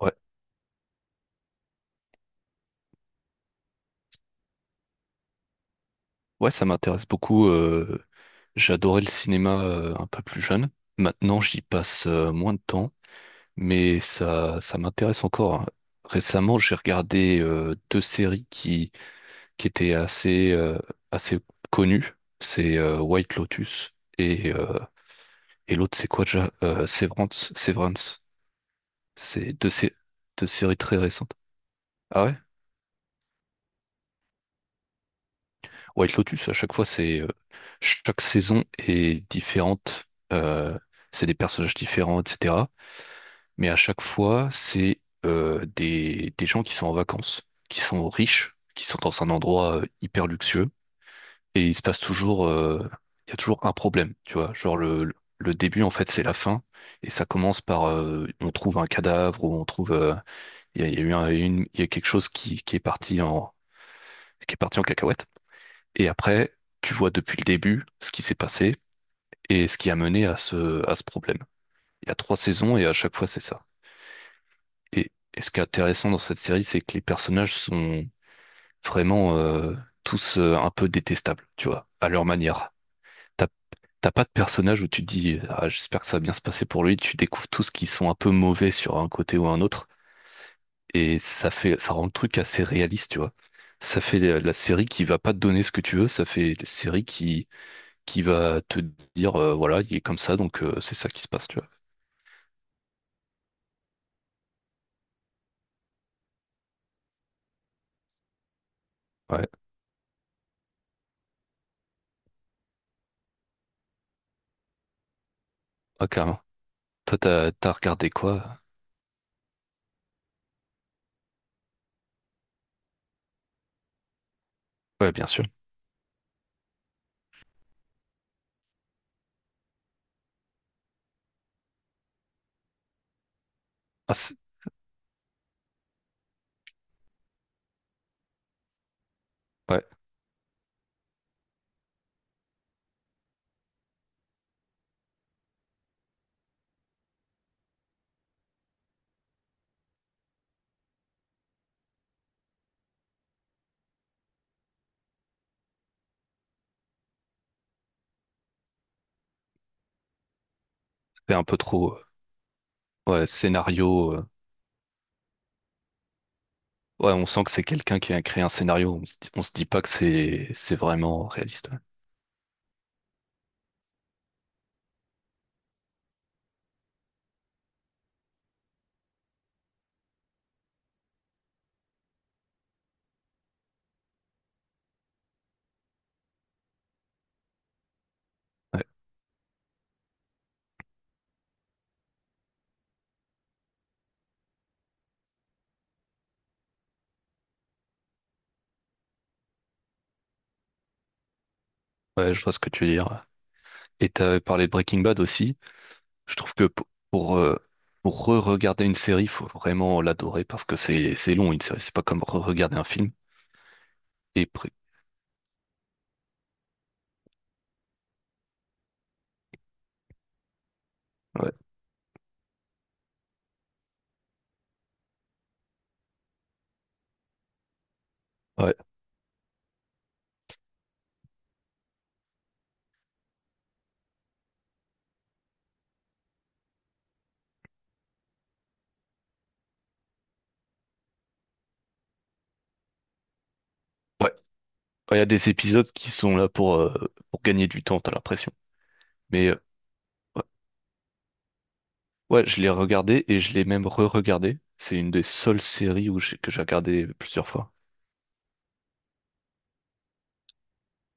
Ouais, ouais, ça m'intéresse beaucoup. J'adorais le cinéma un peu plus jeune. Maintenant, j'y passe moins de temps, mais ça m'intéresse encore, hein. Récemment, j'ai regardé deux séries qui étaient assez, assez connues. C'est White Lotus et et l'autre, c'est quoi déjà? Severance. Severance. C'est deux, deux séries très récentes. Ah ouais? White Lotus, à chaque fois, c'est chaque saison est différente. euh, c'est des personnages différents, etc. Mais à chaque fois, c'est des gens qui sont en vacances, qui sont riches, qui sont dans un endroit hyper luxueux. Et il se passe toujours, il y a toujours un problème, tu vois. Genre le début, en fait, c'est la fin. Et ça commence par, on trouve un cadavre ou on trouve, il y a, il y a quelque chose qui est parti qui est parti en cacahuète. Et après, tu vois depuis le début ce qui s'est passé et ce qui a mené à à ce problème. Il y a trois saisons et à chaque fois c'est ça. Et ce qui est intéressant dans cette série, c'est que les personnages sont vraiment tous un peu détestables, tu vois, à leur manière. T'as t'as pas de personnage où tu te dis, ah, j'espère que ça va bien se passer pour lui. Tu découvres tous qui sont un peu mauvais sur un côté ou un autre. Et ça fait, ça rend le truc assez réaliste, tu vois. Ça fait la série qui va pas te donner ce que tu veux, ça fait la série qui va te dire, voilà, il est comme ça, donc c'est ça qui se passe, tu vois. Ouais, ah, carrément. Toi, t'as regardé quoi? Ouais, bien sûr. Ah, c'est- ouais, c'est un peu trop. Ouais, scénario. Ouais, on sent que c'est quelqu'un qui a créé un scénario. On se dit pas que c'est vraiment réaliste. Ouais. Ouais, ouais, je vois ce que tu veux dire. Et t'avais parlé de Breaking Bad aussi. Je trouve que pour pour re-regarder une série, faut vraiment l'adorer parce que c'est long une série. C'est pas comme re-regarder un film. Et pr- ouais, ouais. Ouais, Enfin, Il y a des épisodes qui sont là pour gagner du temps, t'as l'impression. Mais euh, ouais, ouais, je l'ai regardé et je l'ai même re-regardé. C'est une des seules séries où que j'ai regardé plusieurs fois.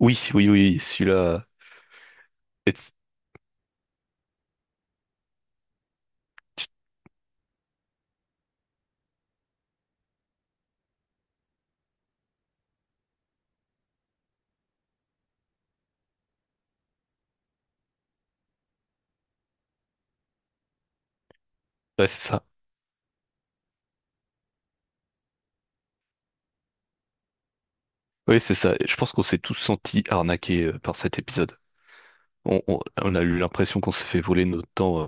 Oui, oui, oui, celui-là. et- Ouais, c'est ça. Oui, c'est ça. Et je pense qu'on s'est tous sentis arnaqués par cet épisode. On a eu l'impression qu'on s'est fait voler notre temps.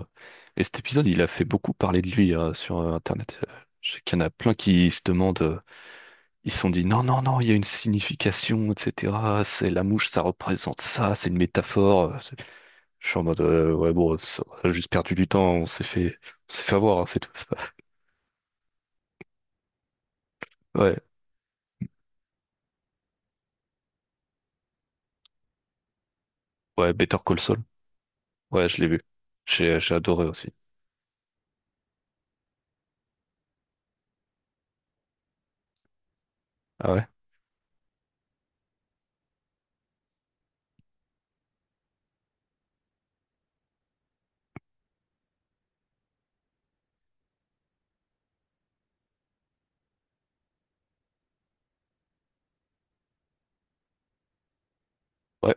Et cet épisode, il a fait beaucoup parler de lui sur Internet. Je sais qu'il y en a plein qui se demandent. Ils se sont dit, non, non, non, il y a une signification, etc. C'est la mouche, ça représente ça, c'est une métaphore. Je suis en mode, ouais, bon, ça, on a juste perdu du temps, on s'est fait avoir, hein, c'est tout. C'est pas- Ouais, ouais, Better Call Saul. Ouais, je l'ai vu. J'ai adoré aussi. Ah ouais? Ouais,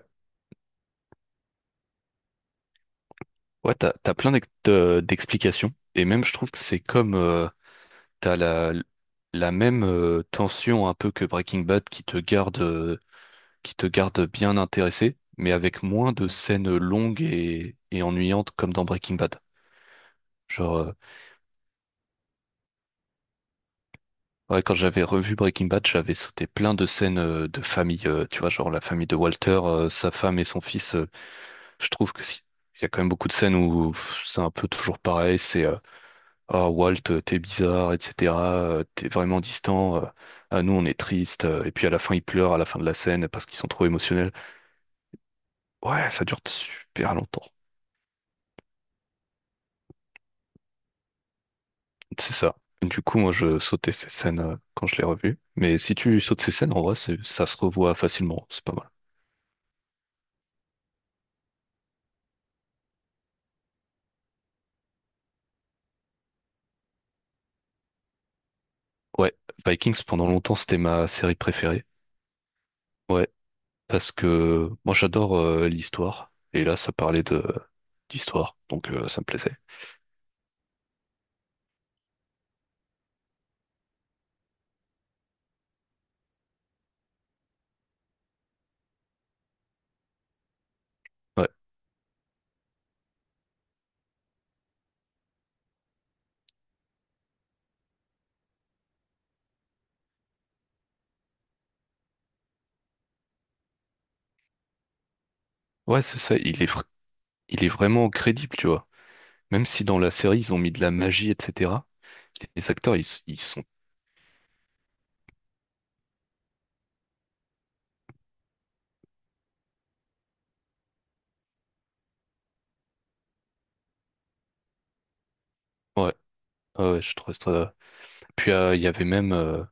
ouais, t'as plein d'explications. Et même, je trouve que c'est comme, t'as la, la même tension un peu que Breaking Bad qui te garde bien intéressé, mais avec moins de scènes longues et ennuyantes comme dans Breaking Bad. Genre, ouais, quand j'avais revu Breaking Bad, j'avais sauté plein de scènes de famille, tu vois, genre la famille de Walter, sa femme et son fils. Je trouve que si. Il y a quand même beaucoup de scènes où pff, c'est un peu toujours pareil, c'est ah, Walt, t'es bizarre, etc. T'es vraiment distant. Ah, nous, on est triste. Et puis à la fin, ils pleurent à la fin de la scène parce qu'ils sont trop émotionnels. Ouais, ça dure super longtemps. C'est ça. Du coup, moi, je sautais ces scènes quand je l'ai revu. Mais si tu sautes ces scènes, en vrai, ça se revoit facilement. C'est pas mal. Ouais, Vikings, pendant longtemps, c'était ma série préférée. Ouais, parce que moi, j'adore l'histoire. Et là, ça parlait de d'histoire. Donc, ça me plaisait. Ouais, ouais, c'est ça. Il est vraiment crédible, tu vois. Même si dans la série, ils ont mis de la magie, etc. Les acteurs, ils sont. Ouais, ouais, ouais, je trouve ça. Puis, il y avait même.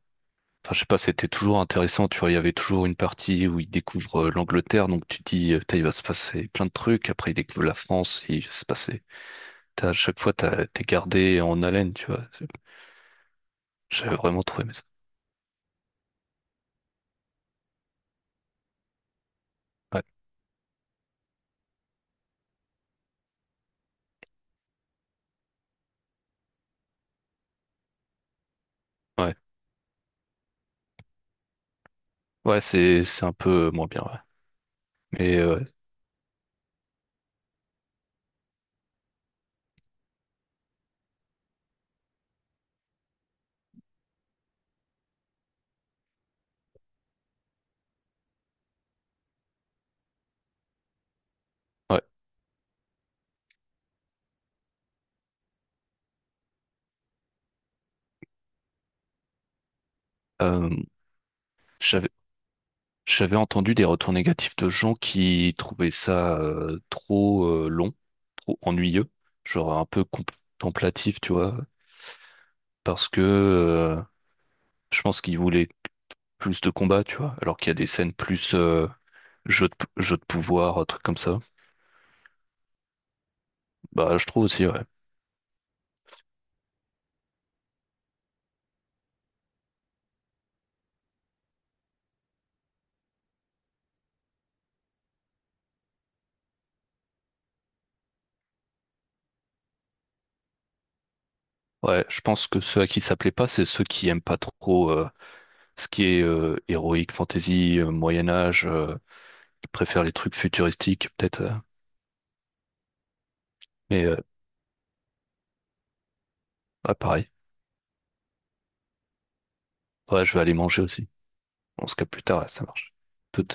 Enfin, je sais pas, c'était toujours intéressant, tu vois, il y avait toujours une partie où il découvre l'Angleterre, donc tu te dis, putain, il va se passer plein de trucs, après il découvre la France, il va se passer. À chaque fois, t'es gardé en haleine, tu vois. J'avais vraiment trouvé aimé ça. Ouais, ouais, ouais, c'est un peu moins bien, ouais. Mais euh, ouais, Euh, j'avais j'avais entendu des retours négatifs de gens qui trouvaient ça trop long, trop ennuyeux, genre un peu contemplatif, tu vois, parce que je pense qu'ils voulaient plus de combats, tu vois, alors qu'il y a des scènes plus jeu de, jeu de pouvoir, trucs comme ça. Bah, je trouve aussi, ouais. Ouais, je pense que ceux à qui ça plaît pas, c'est ceux qui aiment pas trop ce qui est héroïque, fantasy, Moyen Âge, qui préfèrent les trucs futuristiques, peut-être. Mais euh, ouais, pareil. Ouais, je vais aller manger aussi. On se capte plus tard, ouais, ça marche. Tout.